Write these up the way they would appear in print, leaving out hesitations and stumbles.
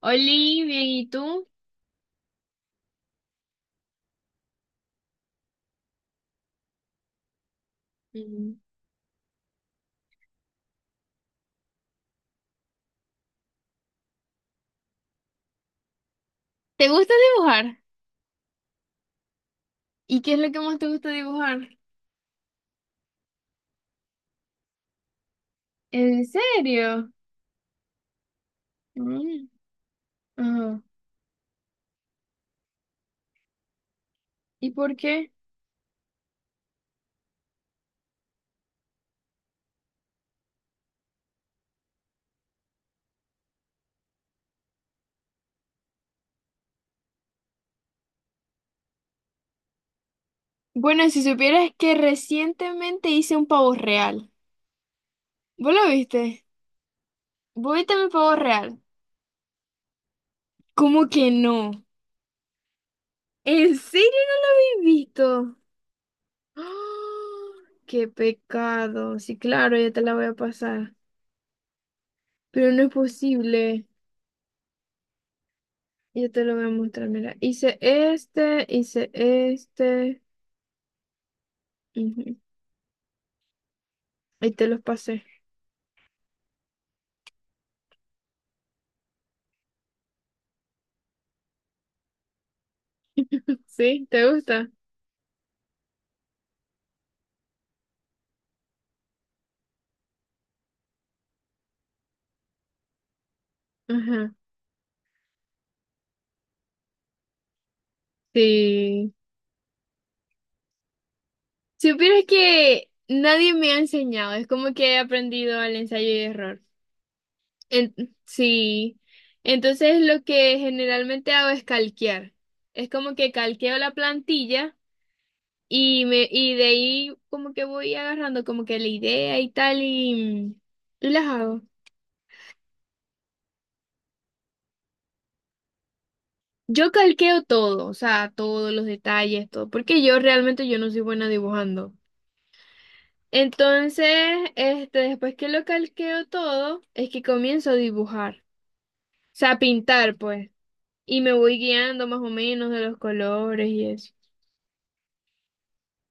Oli, bien, ¿y tú? Mm. ¿Te gusta dibujar? ¿Y qué es lo que más te gusta dibujar? ¿En serio? Mm. Ajá. ¿Y por qué? Bueno, si supieras que recientemente hice un pavo real. ¿Vos lo viste? ¿Vos viste mi pavo real? ¿Cómo que no? ¿En serio no lo habéis visto? ¡Ah! ¡Qué pecado! Sí, claro, ya te la voy a pasar. Pero no es posible. Yo te lo voy a mostrar, mira. Hice este. ujú. Y te los pasé. ¿Sí? ¿Te gusta? Ajá. Sí. Supieras que nadie me ha enseñado. Es como que he aprendido al ensayo y error. Sí. Entonces lo que generalmente hago es calquear. Es como que calqueo la plantilla y de ahí como que voy agarrando como que la idea y tal y las hago. Yo calqueo todo, o sea, todos los detalles, todo, porque yo realmente yo no soy buena dibujando. Entonces, después que lo calqueo todo, es que comienzo a dibujar, o sea, a pintar, pues, y me voy guiando más o menos de los colores y eso.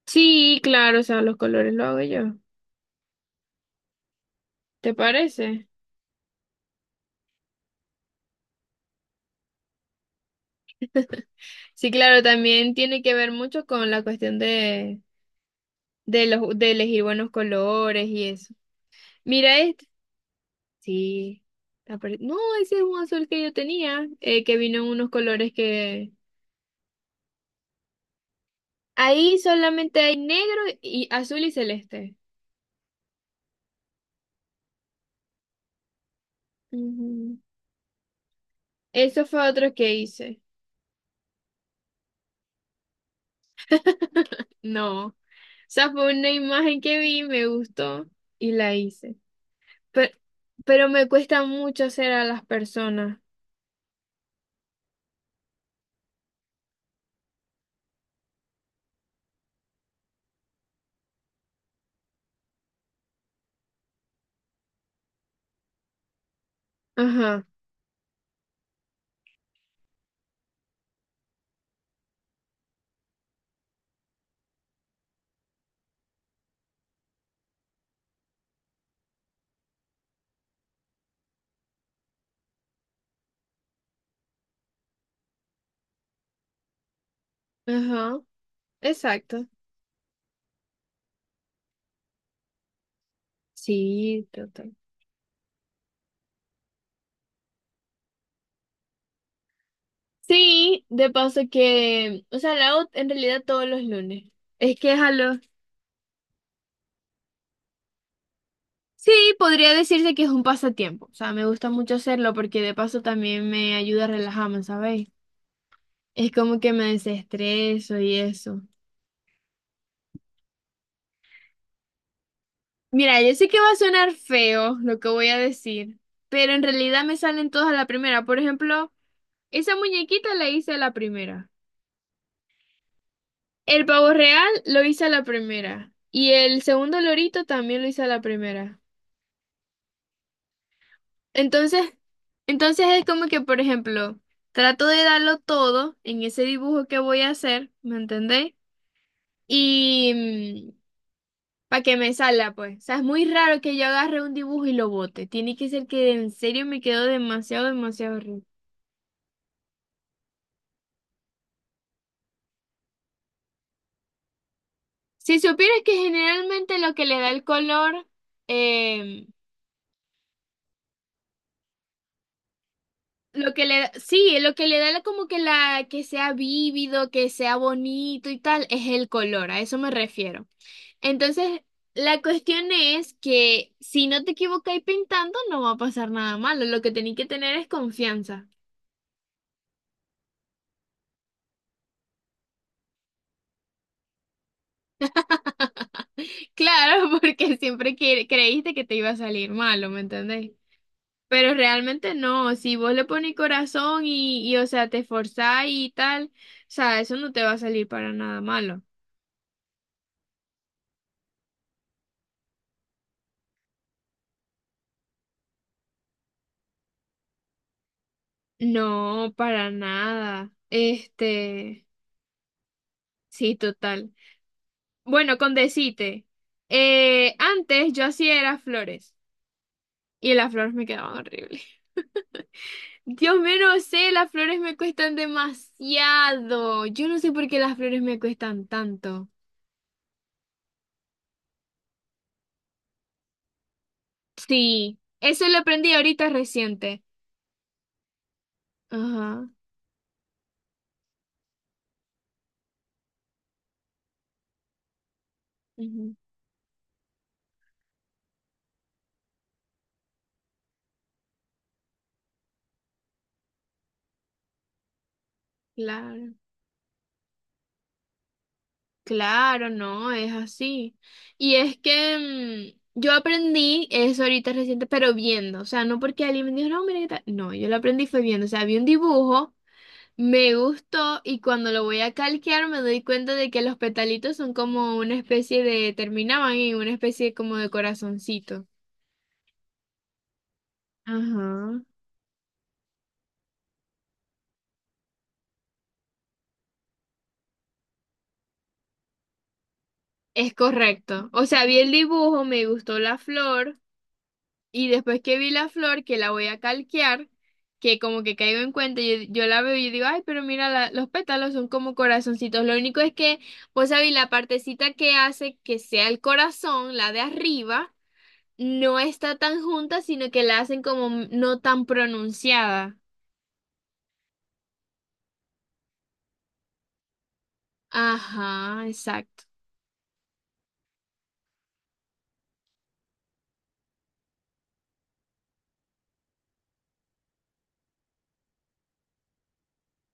Sí, claro, o sea, los colores lo hago yo. ¿Te parece? Sí, claro, también tiene que ver mucho con la cuestión de, de elegir buenos colores y eso. Mira, sí, no, ese es un azul que yo tenía, que vino en unos colores que... Ahí solamente hay negro y azul y celeste. Ujú. Eso fue otro que hice. No. O sea, fue una imagen que vi, me gustó y la hice. Pero, pero me cuesta mucho hacer a las personas. Ajá, ajá, exacto. Sí, total. Sí, de paso que, o sea, la hago en realidad todos los lunes. Es que es a los... Sí, podría decirse que es un pasatiempo. O sea, me gusta mucho hacerlo porque de paso también me ayuda a relajarme, ¿sabéis? Es como que me desestreso y eso. Mira, yo sé que va a sonar feo lo que voy a decir, pero en realidad me salen todas a la primera. Por ejemplo, esa muñequita la hice a la primera. El pavo real lo hice a la primera. Y el segundo lorito también lo hice a la primera. Entonces, entonces, es como que, por ejemplo, trato de darlo todo en ese dibujo que voy a hacer, ¿me entendéis? Y para que me salga, pues. O sea, es muy raro que yo agarre un dibujo y lo bote. Tiene que ser que en serio me quedó demasiado, demasiado rico. Si supieras que generalmente lo que le da el color, eh, lo que le da, sí, lo que le da como que la, que sea vívido, que sea bonito y tal, es el color, a eso me refiero. Entonces, la cuestión es que si no te equivocáis pintando, no va a pasar nada malo. Lo que tenéis que tener es confianza. Claro, porque creíste que te iba a salir malo, ¿me entendéis? Pero realmente no. Si vos le pones corazón o sea, te esforzás y tal, o sea, eso no te va a salir para nada malo. No, para nada. Sí, total. Bueno, con decirte, antes yo hacía era flores. Y las flores me quedaban horribles. Dios mío, no sé, las flores me cuestan demasiado. Yo no sé por qué las flores me cuestan tanto. Sí, eso lo aprendí ahorita reciente. Ajá, ujú, claro. Claro, no, es así. Y es que yo aprendí eso ahorita reciente, pero viendo. O sea, no porque alguien me dijo, no, mira qué tal. No, yo lo aprendí fue viendo. O sea, vi un dibujo. Me gustó y cuando lo voy a calquear me doy cuenta de que los petalitos son como una especie de, terminaban en una especie como de corazoncito. Ajá. Es correcto. O sea, vi el dibujo, me gustó la flor y después que vi la flor, que la voy a calquear, que como que caigo en cuenta, yo la veo y digo, ay, pero mira, los pétalos son como corazoncitos. Lo único es que, vos sabéis, la partecita que hace que sea el corazón, la de arriba, no está tan junta, sino que la hacen como no tan pronunciada. Ajá, exacto.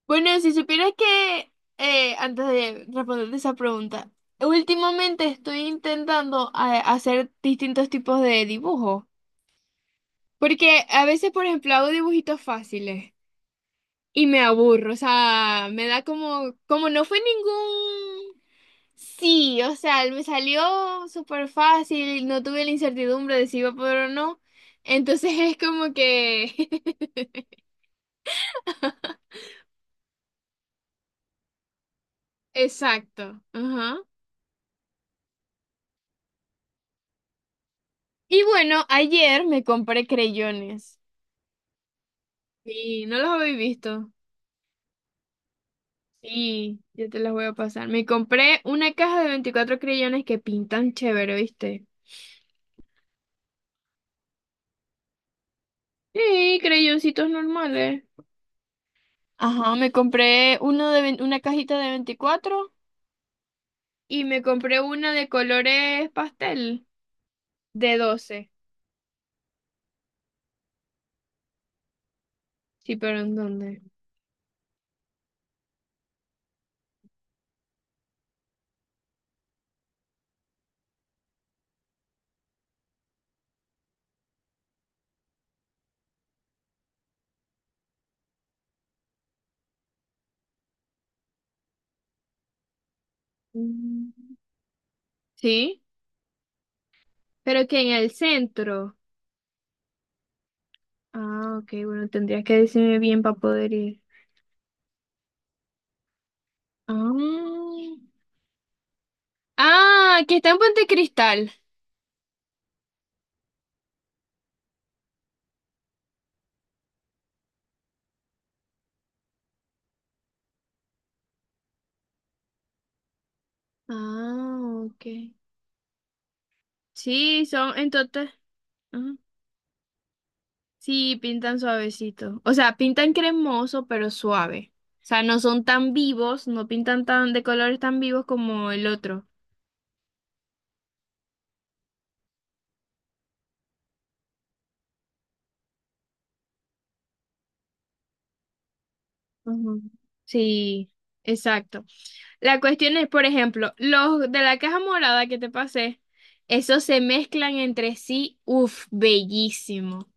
Bueno, si supieras que, antes de responderte esa pregunta, últimamente estoy intentando hacer distintos tipos de dibujos, porque a veces, por ejemplo, hago dibujitos fáciles y me aburro, o sea, me da como, como no fue ningún... Sí, o sea, me salió súper fácil, no tuve la incertidumbre de si iba a poder o no. Entonces es como que... Exacto. Ajá. Y bueno, ayer me compré creyones. Sí, no los habéis visto. Sí, yo te los voy a pasar. Me compré una caja de 24 creyones que pintan chévere, ¿viste? Sí, creyoncitos normales. Ajá, me compré una cajita de 24 y me compré una de colores pastel. De 12. Sí, pero ¿en dónde? Mm. Sí, pero que en el centro. Ah, ok, bueno, tendrías que decirme bien para poder ir. Ah, ah, que está en Puente Cristal. Ah, ok. Sí, son en total. Ah, sí, pintan suavecito. O sea, pintan cremoso, pero suave. O sea, no son tan vivos, no pintan tan de colores tan vivos como el otro. Ujú. Sí, exacto. La cuestión es, por ejemplo, los de la caja morada que te pasé, esos se mezclan entre sí, uff, bellísimo.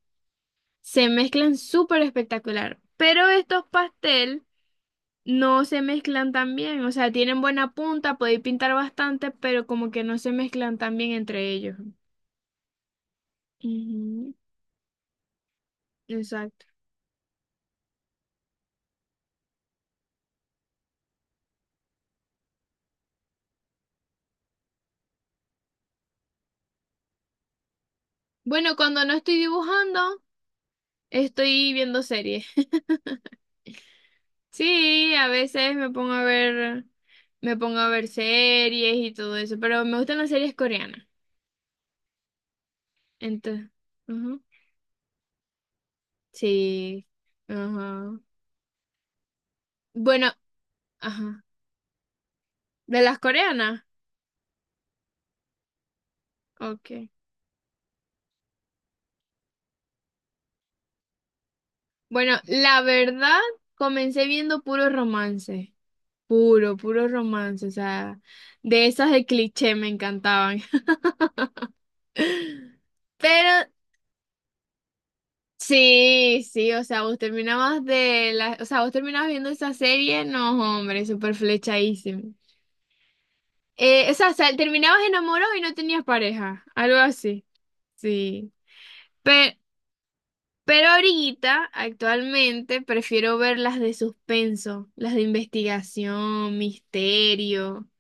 Se mezclan súper espectacular. Pero estos pastel no se mezclan tan bien, o sea, tienen buena punta, podéis pintar bastante, pero como que no se mezclan tan bien entre ellos. Ujú, exacto. Bueno, cuando no estoy dibujando, estoy viendo series. Sí, a veces me pongo a ver, me pongo a ver series y todo eso, pero me gustan las series coreanas. Entonces, ujú, sí, ajá. Bueno, ajá. ¿De las coreanas? Ok. Bueno, la verdad, comencé viendo puro romance. Puro, puro romance. O sea, de esas de cliché me encantaban. Pero sí, sí, o sea, vos terminabas de la, o sea, vos terminabas viendo esa serie, no, hombre, súper flechadísimo. O sea, terminabas enamorado y no tenías pareja, algo así. Sí. Pero, pero ahorita, actualmente, prefiero ver las de suspenso, las de investigación, misterio.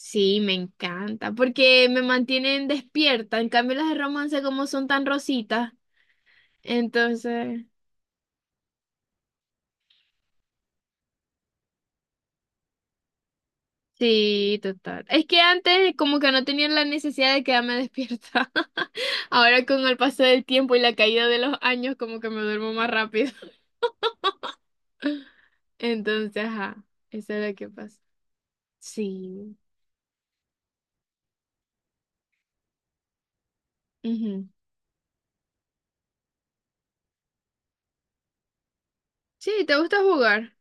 Sí, me encanta, porque me mantienen despierta. En cambio, las de romance, como son tan rositas, entonces. Sí, total. Es que antes como que no tenía la necesidad de quedarme despierta. Ahora con el paso del tiempo y la caída de los años como que me duermo más rápido. Entonces, ajá, eso es lo que pasa. Sí. Ujú. Sí, ¿te gusta jugar?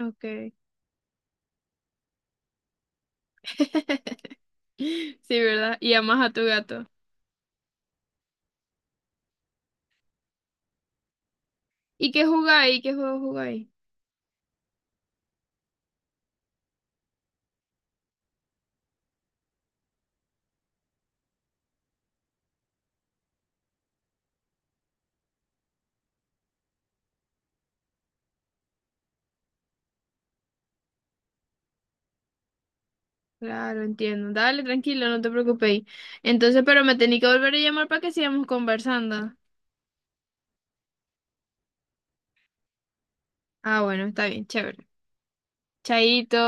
Okay. Sí, ¿verdad? Y amas a tu gato. ¿Y qué jugáis? ¿Qué juego jugáis? Claro, entiendo. Dale, tranquilo, no te preocupéis. Entonces, pero me tenéis que volver a llamar para que sigamos conversando. Ah, bueno, está bien, chévere. Chaito.